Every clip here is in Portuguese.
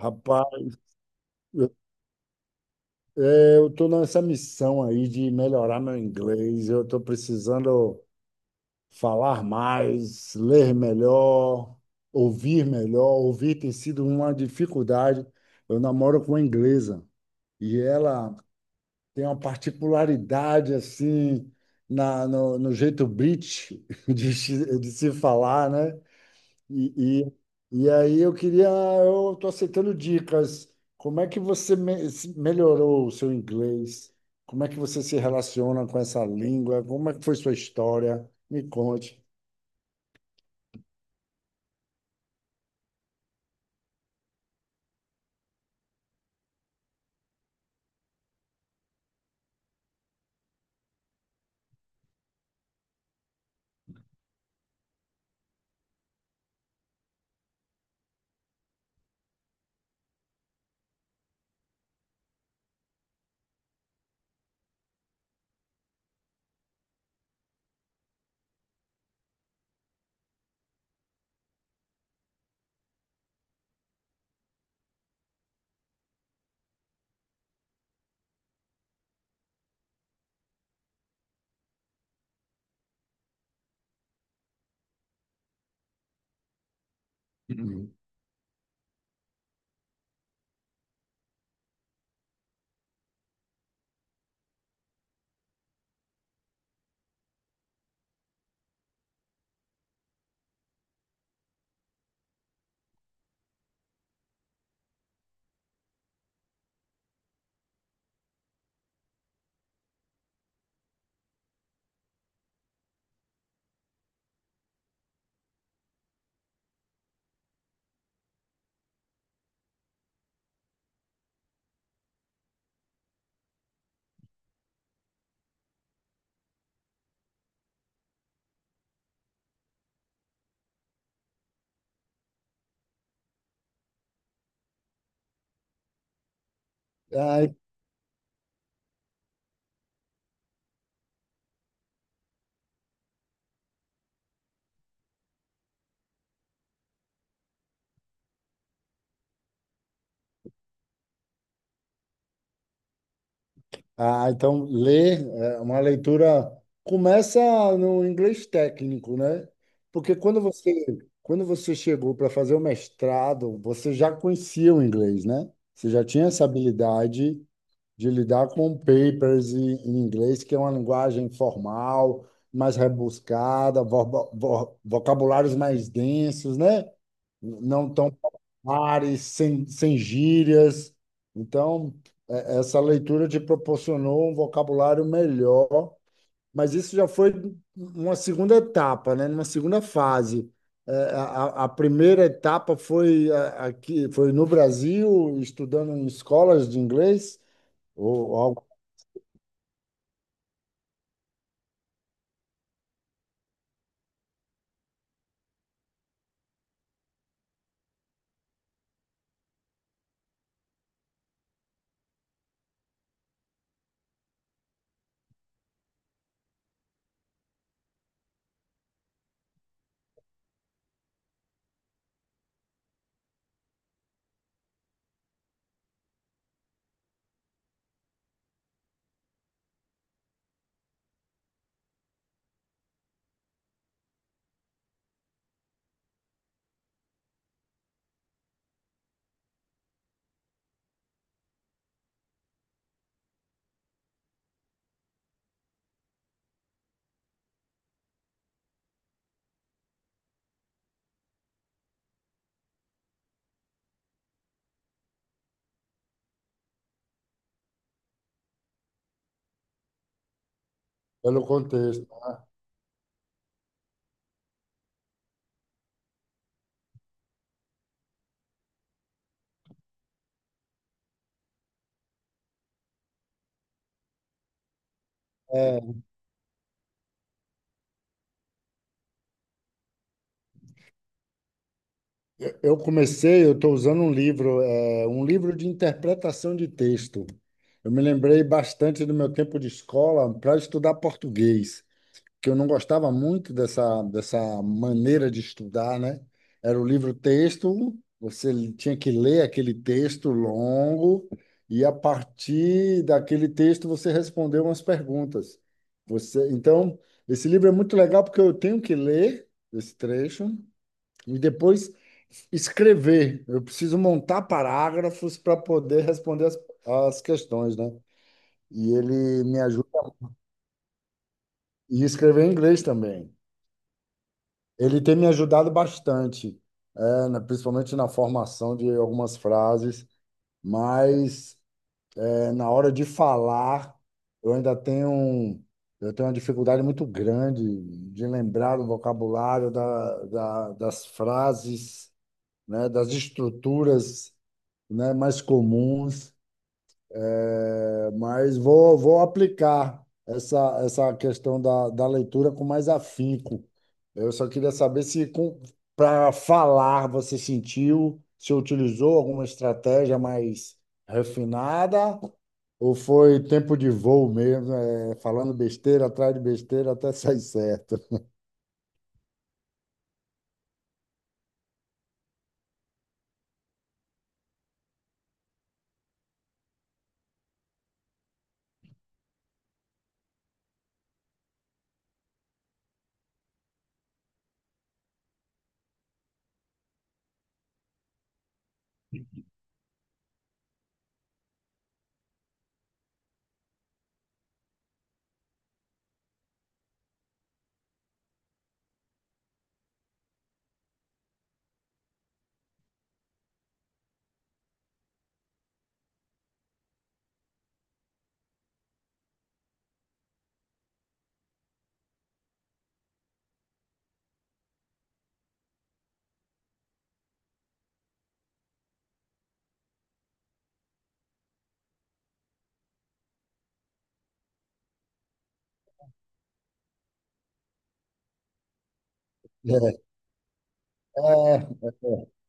Rapaz, eu eu tô nessa missão aí de melhorar meu inglês. Eu estou precisando falar mais, ler melhor. Ouvir tem sido uma dificuldade. Eu namoro com uma inglesa e ela tem uma particularidade assim na, no, no jeito British de se falar, né? E, e aí eu queria, eu estou aceitando dicas. Como é que você melhorou o seu inglês? Como é que você se relaciona com essa língua? Como é que foi sua história? Me conte. Uhum. Ah, e- ah, então ler é uma leitura começa no inglês técnico, né? Porque quando você chegou para fazer o mestrado, você já conhecia o inglês, né? Você já tinha essa habilidade de lidar com papers em inglês, que é uma linguagem formal, mais rebuscada, vocabulários mais densos, né? Não tão populares, sem gírias. Então, essa leitura te proporcionou um vocabulário melhor, mas isso já foi uma segunda etapa, né? Uma segunda fase. A primeira etapa foi aqui, foi no Brasil, estudando em escolas de inglês? Ou algo pelo contexto. É, eu comecei, eu estou usando um livro, é, um livro de interpretação de texto. Eu me lembrei bastante do meu tempo de escola para estudar português, que eu não gostava muito dessa maneira de estudar, né? Era o livro-texto, você tinha que ler aquele texto longo e a partir daquele texto você respondeu umas perguntas. Você, então, esse livro é muito legal porque eu tenho que ler esse trecho e depois escrever. Eu preciso montar parágrafos para poder responder as questões, né? E ele me ajuda e escrever em inglês também. Ele tem me ajudado bastante, é, principalmente na formação de algumas frases, mas é, na hora de falar, eu ainda eu tenho uma dificuldade muito grande de lembrar o vocabulário das frases, né, das estruturas, né, mais comuns. É, mas vou, vou aplicar essa questão da leitura com mais afinco. Eu só queria saber se para falar você sentiu, se utilizou alguma estratégia mais refinada ou foi tempo de voo mesmo, é, falando besteira atrás de besteira até sair certo. É, é, é,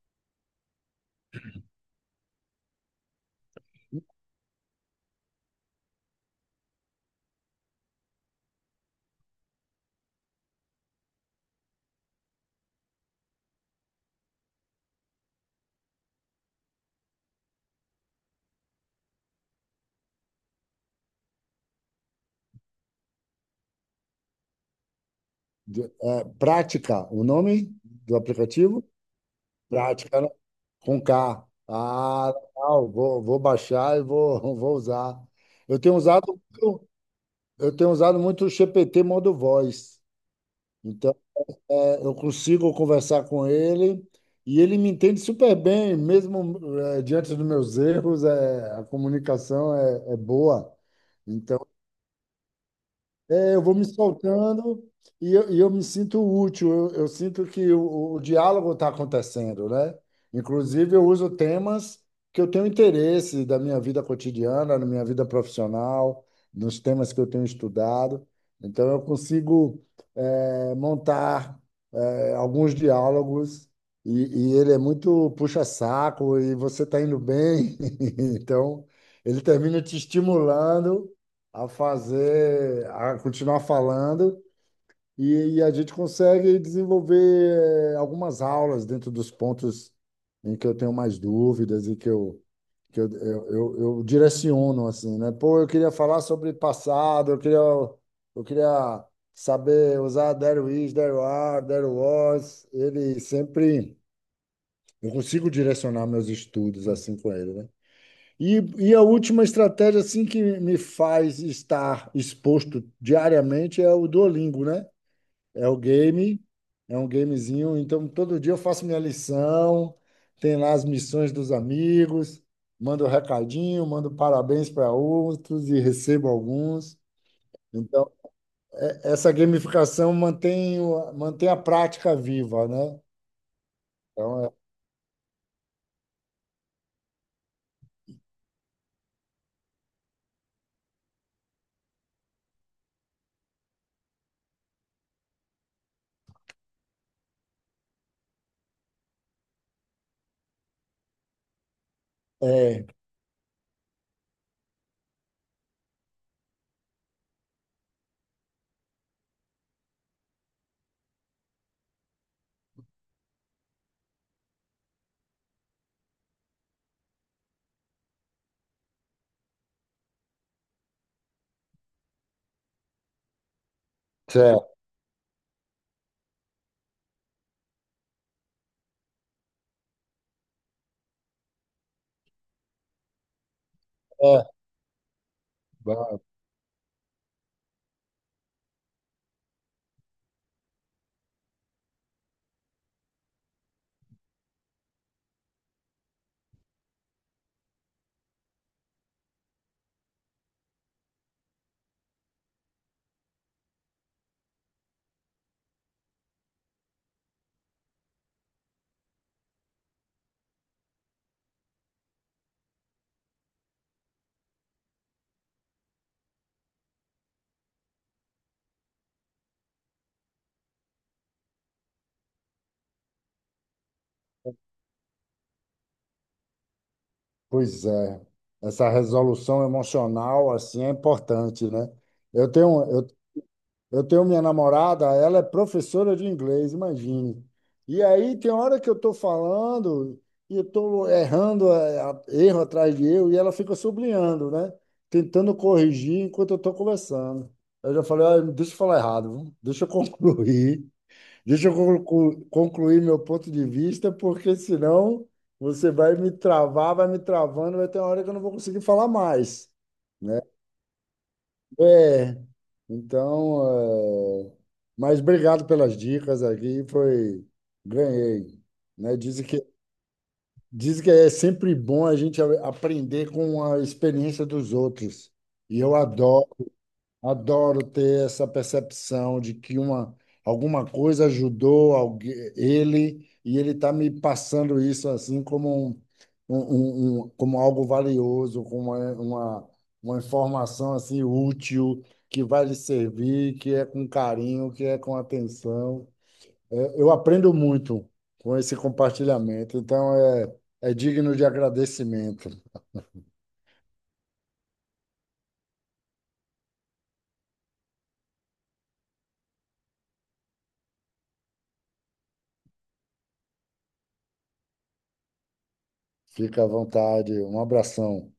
prática, o nome do aplicativo? Prática, né? Com K. Ah, legal. Vou, vou baixar e vou, vou usar. Eu tenho usado, muito- eu tenho usado muito o GPT modo voz. Então, é, eu consigo conversar com ele e ele me entende super bem, mesmo é, diante dos meus erros, é, a comunicação é, é boa. Então, é, eu vou me soltando e e eu me sinto útil, eu sinto que o diálogo está acontecendo, né? Inclusive, eu uso temas que eu tenho interesse da minha vida cotidiana, na minha vida profissional, nos temas que eu tenho estudado. Então, eu consigo eh, montar eh, alguns diálogos e ele é muito puxa-saco e você está indo bem. Então, ele termina te estimulando a fazer, a continuar falando, e a gente consegue desenvolver eh, algumas aulas dentro dos pontos em que eu tenho mais dúvidas e que eu direciono, assim, né? Pô, eu queria falar sobre passado, eu queria saber usar there is, there are, there was. Ele sempre. Eu consigo direcionar meus estudos assim com ele, né? E a última estratégia assim que me faz estar exposto diariamente é o Duolingo, né? É o game, é um gamezinho. Então, todo dia eu faço minha lição, tem lá as missões dos amigos, mando recadinho, mando parabéns para outros e recebo alguns. Então, essa gamificação mantém, mantém a prática viva, né? Então, é, é, certo, é, é. Pois é, essa resolução emocional assim é importante, né? Eu tenho, eu, eu tenho minha namorada, ela é professora de inglês, imagine. E aí tem hora que eu estou falando e eu estou errando, é, erro atrás de erro, e ela fica sublinhando, né? Tentando corrigir enquanto eu estou conversando. Eu já falei, "Ah, deixa eu falar errado, viu? Deixa eu concluir. Deixa eu concluir meu ponto de vista, porque senão você vai me travar, vai me travando, vai ter uma hora que eu não vou conseguir falar mais, né? É, então, é, mas obrigado pelas dicas aqui, foi, ganhei, né? Dizem que é sempre bom a gente aprender com a experiência dos outros, e eu adoro. Adoro ter essa percepção de que alguma coisa ajudou alguém, ele e ele está me passando isso assim como, um- como algo valioso, como é uma informação assim útil que vai lhe servir, que é com carinho, que é com atenção. É, eu aprendo muito com esse compartilhamento, então é, é digno de agradecimento. Fica à vontade, um abração.